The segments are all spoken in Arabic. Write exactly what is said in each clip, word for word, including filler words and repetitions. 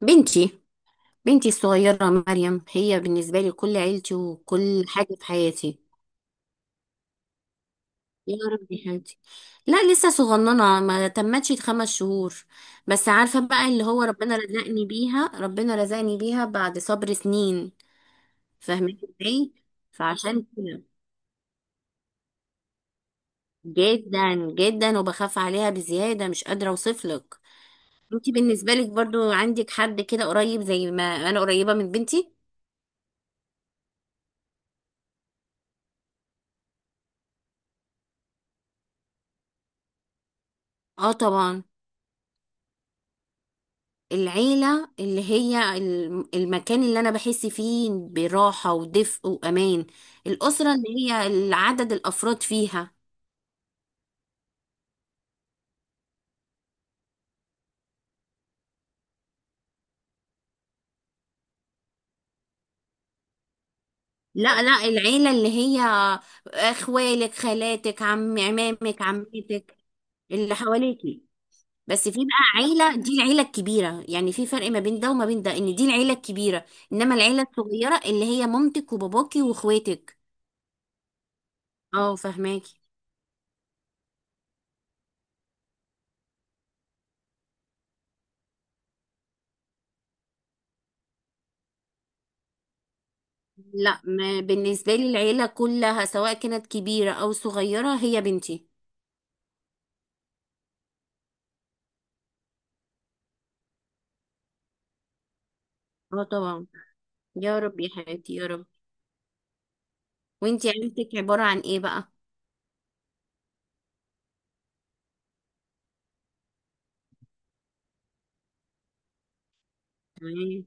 بنتي. بنتي الصغيرة مريم هي بالنسبة لي كل عيلتي وكل حاجة في حياتي. يا رب يا حياتي. لا، لسه صغننة، ما تمتش خمس شهور. بس عارفة بقى اللي هو ربنا رزقني بيها، ربنا رزقني بيها بعد صبر سنين. فاهمين ازاي؟ فعشان كده جدا جدا، وبخاف عليها بزيادة، مش قادرة اوصفلك. انتي بالنسبة لك برضو عندك حد كده قريب زي ما انا قريبة من بنتي؟ اه طبعا. العيلة اللي هي الم- المكان اللي أنا بحس فيه براحة ودفء وأمان. الأسرة اللي هي العدد الأفراد فيها. لا لا، العيلة اللي هي أخوالك، خالاتك، عم، عمامك، عمتك، اللي حواليكي. بس في بقى عيلة، دي العيلة الكبيرة، يعني في فرق ما بين ده وما بين ده إن دي العيلة الكبيرة. إنما العيلة الصغيرة اللي هي مامتك وباباكي وإخواتك. اه فهماكي. لا، ما بالنسبة لي العيلة كلها سواء كانت كبيرة أو صغيرة هي بنتي. اه طبعا. يا رب يا حياتي يا رب. وانتي عيلتك عبارة عن ايه بقى؟ تمام.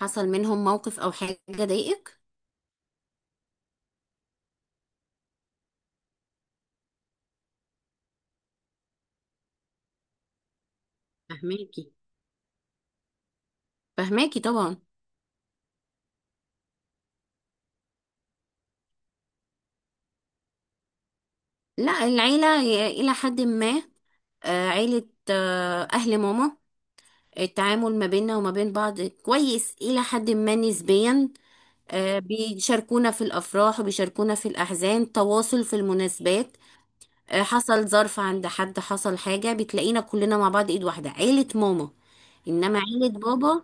حصل منهم موقف أو حاجة ضايقك؟ فهماكي، فهماكي طبعا. لا، العيلة ي- إلى حد ما. آه، عيلة، آه، أهل ماما. التعامل ما بيننا وما بين بعض كويس إلى حد ما نسبيا. آه، بيشاركونا في الأفراح وبيشاركونا في الأحزان، تواصل في المناسبات. آه، حصل ظرف عند حد، حصل حاجة، بتلاقينا كلنا مع بعض ايد واحدة، عيلة ماما. انما عيلة بابا،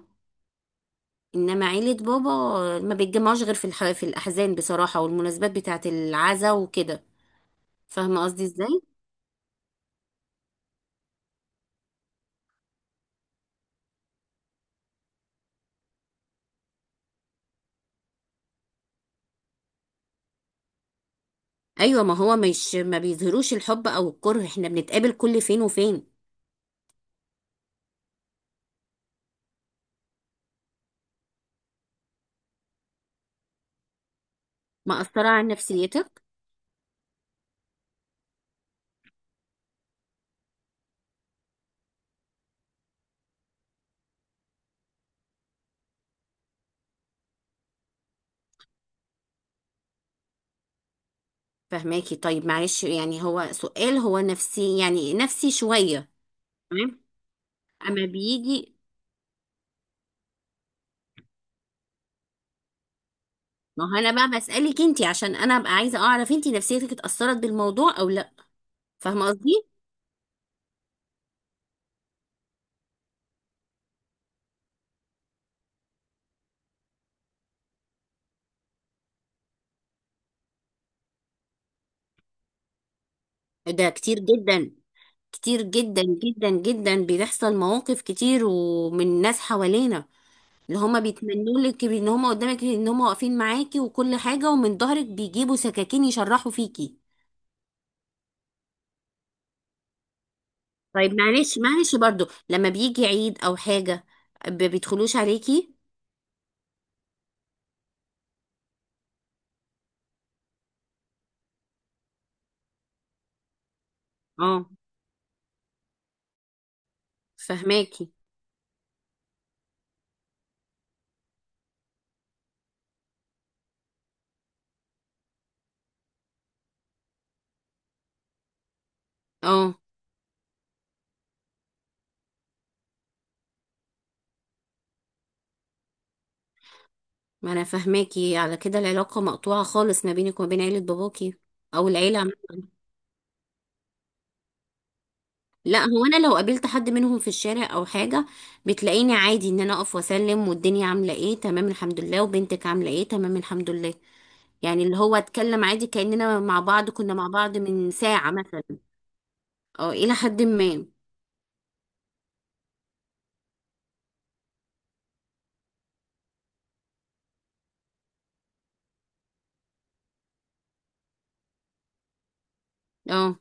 انما عيلة بابا، آه، ما بيتجمعوش غير في الح... في الاحزان بصراحة، والمناسبات بتاعة العزا وكده. فاهمة قصدي ازاي؟ ايوه، ما هو مش ما بيظهروش الحب او الكره، احنا بنتقابل كل فين وفين. مأثرة على نفسيتك؟ فهماكي. طيب معلش، يعني هو سؤال، هو نفسي يعني، نفسي شوية. تمام. اما بيجي. ما هو انا بقى بسألك انتي، عشان انا ابقى عايزة اعرف انتي نفسيتك اتأثرت بالموضوع او لا. فاهمة قصدي؟ ده كتير جدا. كتير جدا جدا جدا بيحصل مواقف كتير ومن ناس حوالينا، اللي هما بيتمنوا لك ان هما قدامك، ان هما واقفين معاكي وكل حاجة، ومن ظهرك بيجيبوا سكاكين يشرحوا فيكي. طيب معلش، معلش برضو، لما بيجي عيد او حاجة ب- بيدخلوش عليكي؟ اه فهماكي. اه. ما انا فاهماكي، على كده العلاقة مقطوعة خالص ما بينك وما بين عيلة باباكي، او العيلة عم- لا، هو انا لو قابلت حد منهم في الشارع او حاجة بتلاقيني عادي ان انا اقف واسلم، والدنيا عاملة ايه، تمام الحمد لله، وبنتك عاملة ايه، تمام الحمد لله، يعني اللي هو اتكلم عادي كأننا مع بعض، كنا مع بعض من ساعة مثلا. اه، الى حد ما. اه.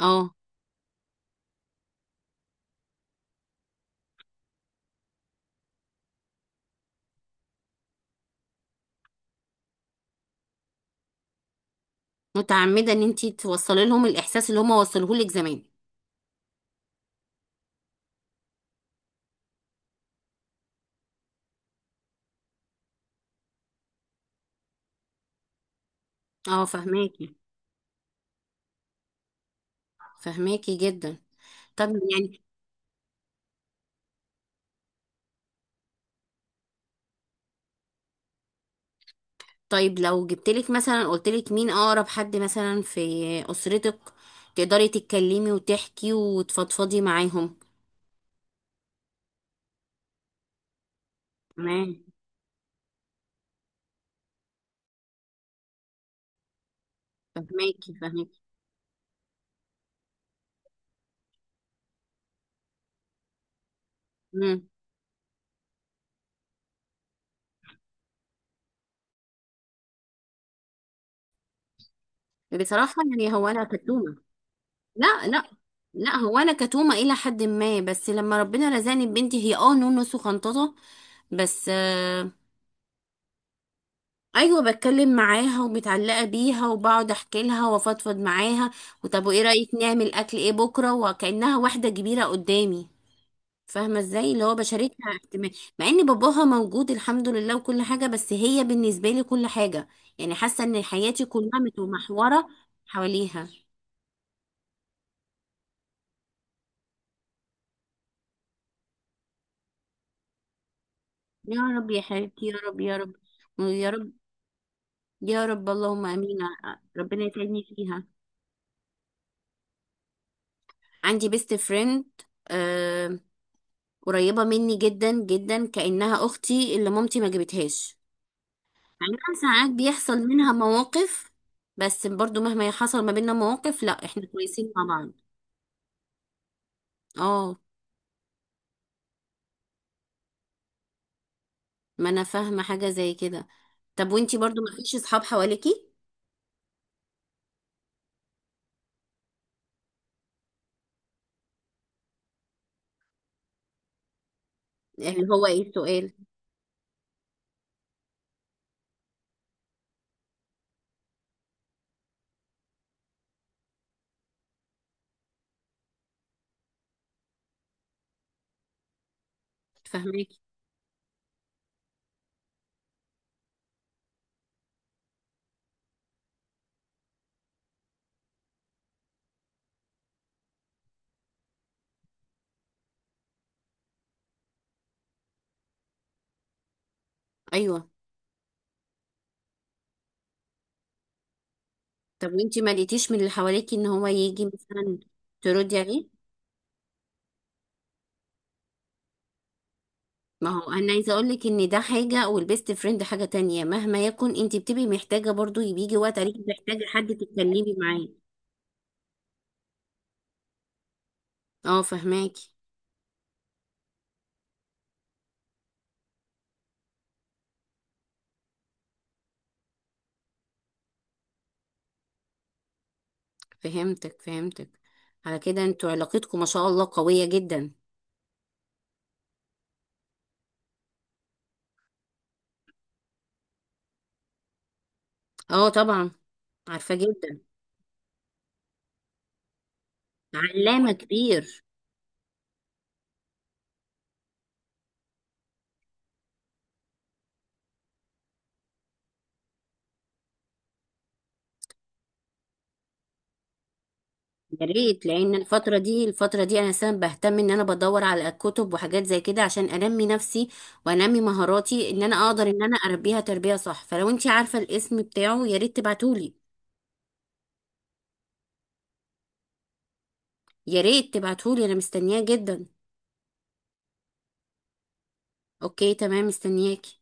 اه، متعمدة ان انتي توصلي لهم الاحساس اللي هما وصلوه لك زمان. اه فاهماكي، فاهماكي جدا. طب يعني، طيب لو جبتلك مثلا، قلتلك مين اقرب حد مثلا في اسرتك تقدري تتكلمي وتحكي وتفضفضي معاهم. تمام. فهماكي، فهماكي. امم. بصراحة يعني، هو انا كتومة. لا لا. لا، هو انا كتومة الى حد ما، بس لما ربنا رزقني ببنتي، هي اه نونو وخنططة بس آه. ايوه، بتكلم معاها ومتعلقه بيها، وبقعد احكي لها وافضفض معاها، وطب وايه رايك نعمل اكل ايه بكره، وكانها واحده كبيره قدامي. فاهمه ازاي، اللي هو بشارتها احتمال، مع ان باباها موجود الحمد لله وكل حاجه، بس هي بالنسبه لي كل حاجه. يعني حاسه ان حياتي كلها متمحوره حواليها. يا رب يا حبيبتي، يا رب يا رب، يا رب يا رب اللهم امين. ربنا يسعدني فيها. عندي بيست فريند. آه. قريبه مني جدا جدا، كانها اختي اللي مامتي ما جابتهاش. مع انها ساعات بيحصل منها مواقف، بس برضو مهما حصل ما بيننا مواقف، لا احنا كويسين مع بعض. اه. ما انا فاهمة حاجة زي كده. طب وانتي برضو ما فيش اصحاب حواليكي؟ اللي هو ايه السؤال؟ فاهماكي. ايوه. طب وانتي ما لقيتيش من اللي حواليكي ان هو يجي مثلا تردي عليه؟ ما هو انا عايزه اقول لك ان ده حاجه والبيست فريند حاجه تانية، مهما يكن انت بتبقي محتاجه، برضو بيجي وقت عليكي محتاجه حد تتكلمي معاه. اه فهماكي. فهمتك، فهمتك. على كده انتوا علاقتكم ما شاء الله قويه جدا. اه طبعا. عارفه جدا. علامه كبير. يا ريت، لان الفتره دي، الفتره دي انا سبب بهتم ان انا بدور على كتب وحاجات زي كده عشان انمي نفسي، وانمي مهاراتي ان انا اقدر ان انا اربيها تربيه صح. فلو انت عارفه الاسم بتاعه يا ريت تبعتولي. يا ريت تبعتولي، انا مستنياه جدا. اوكي تمام، مستنياكي.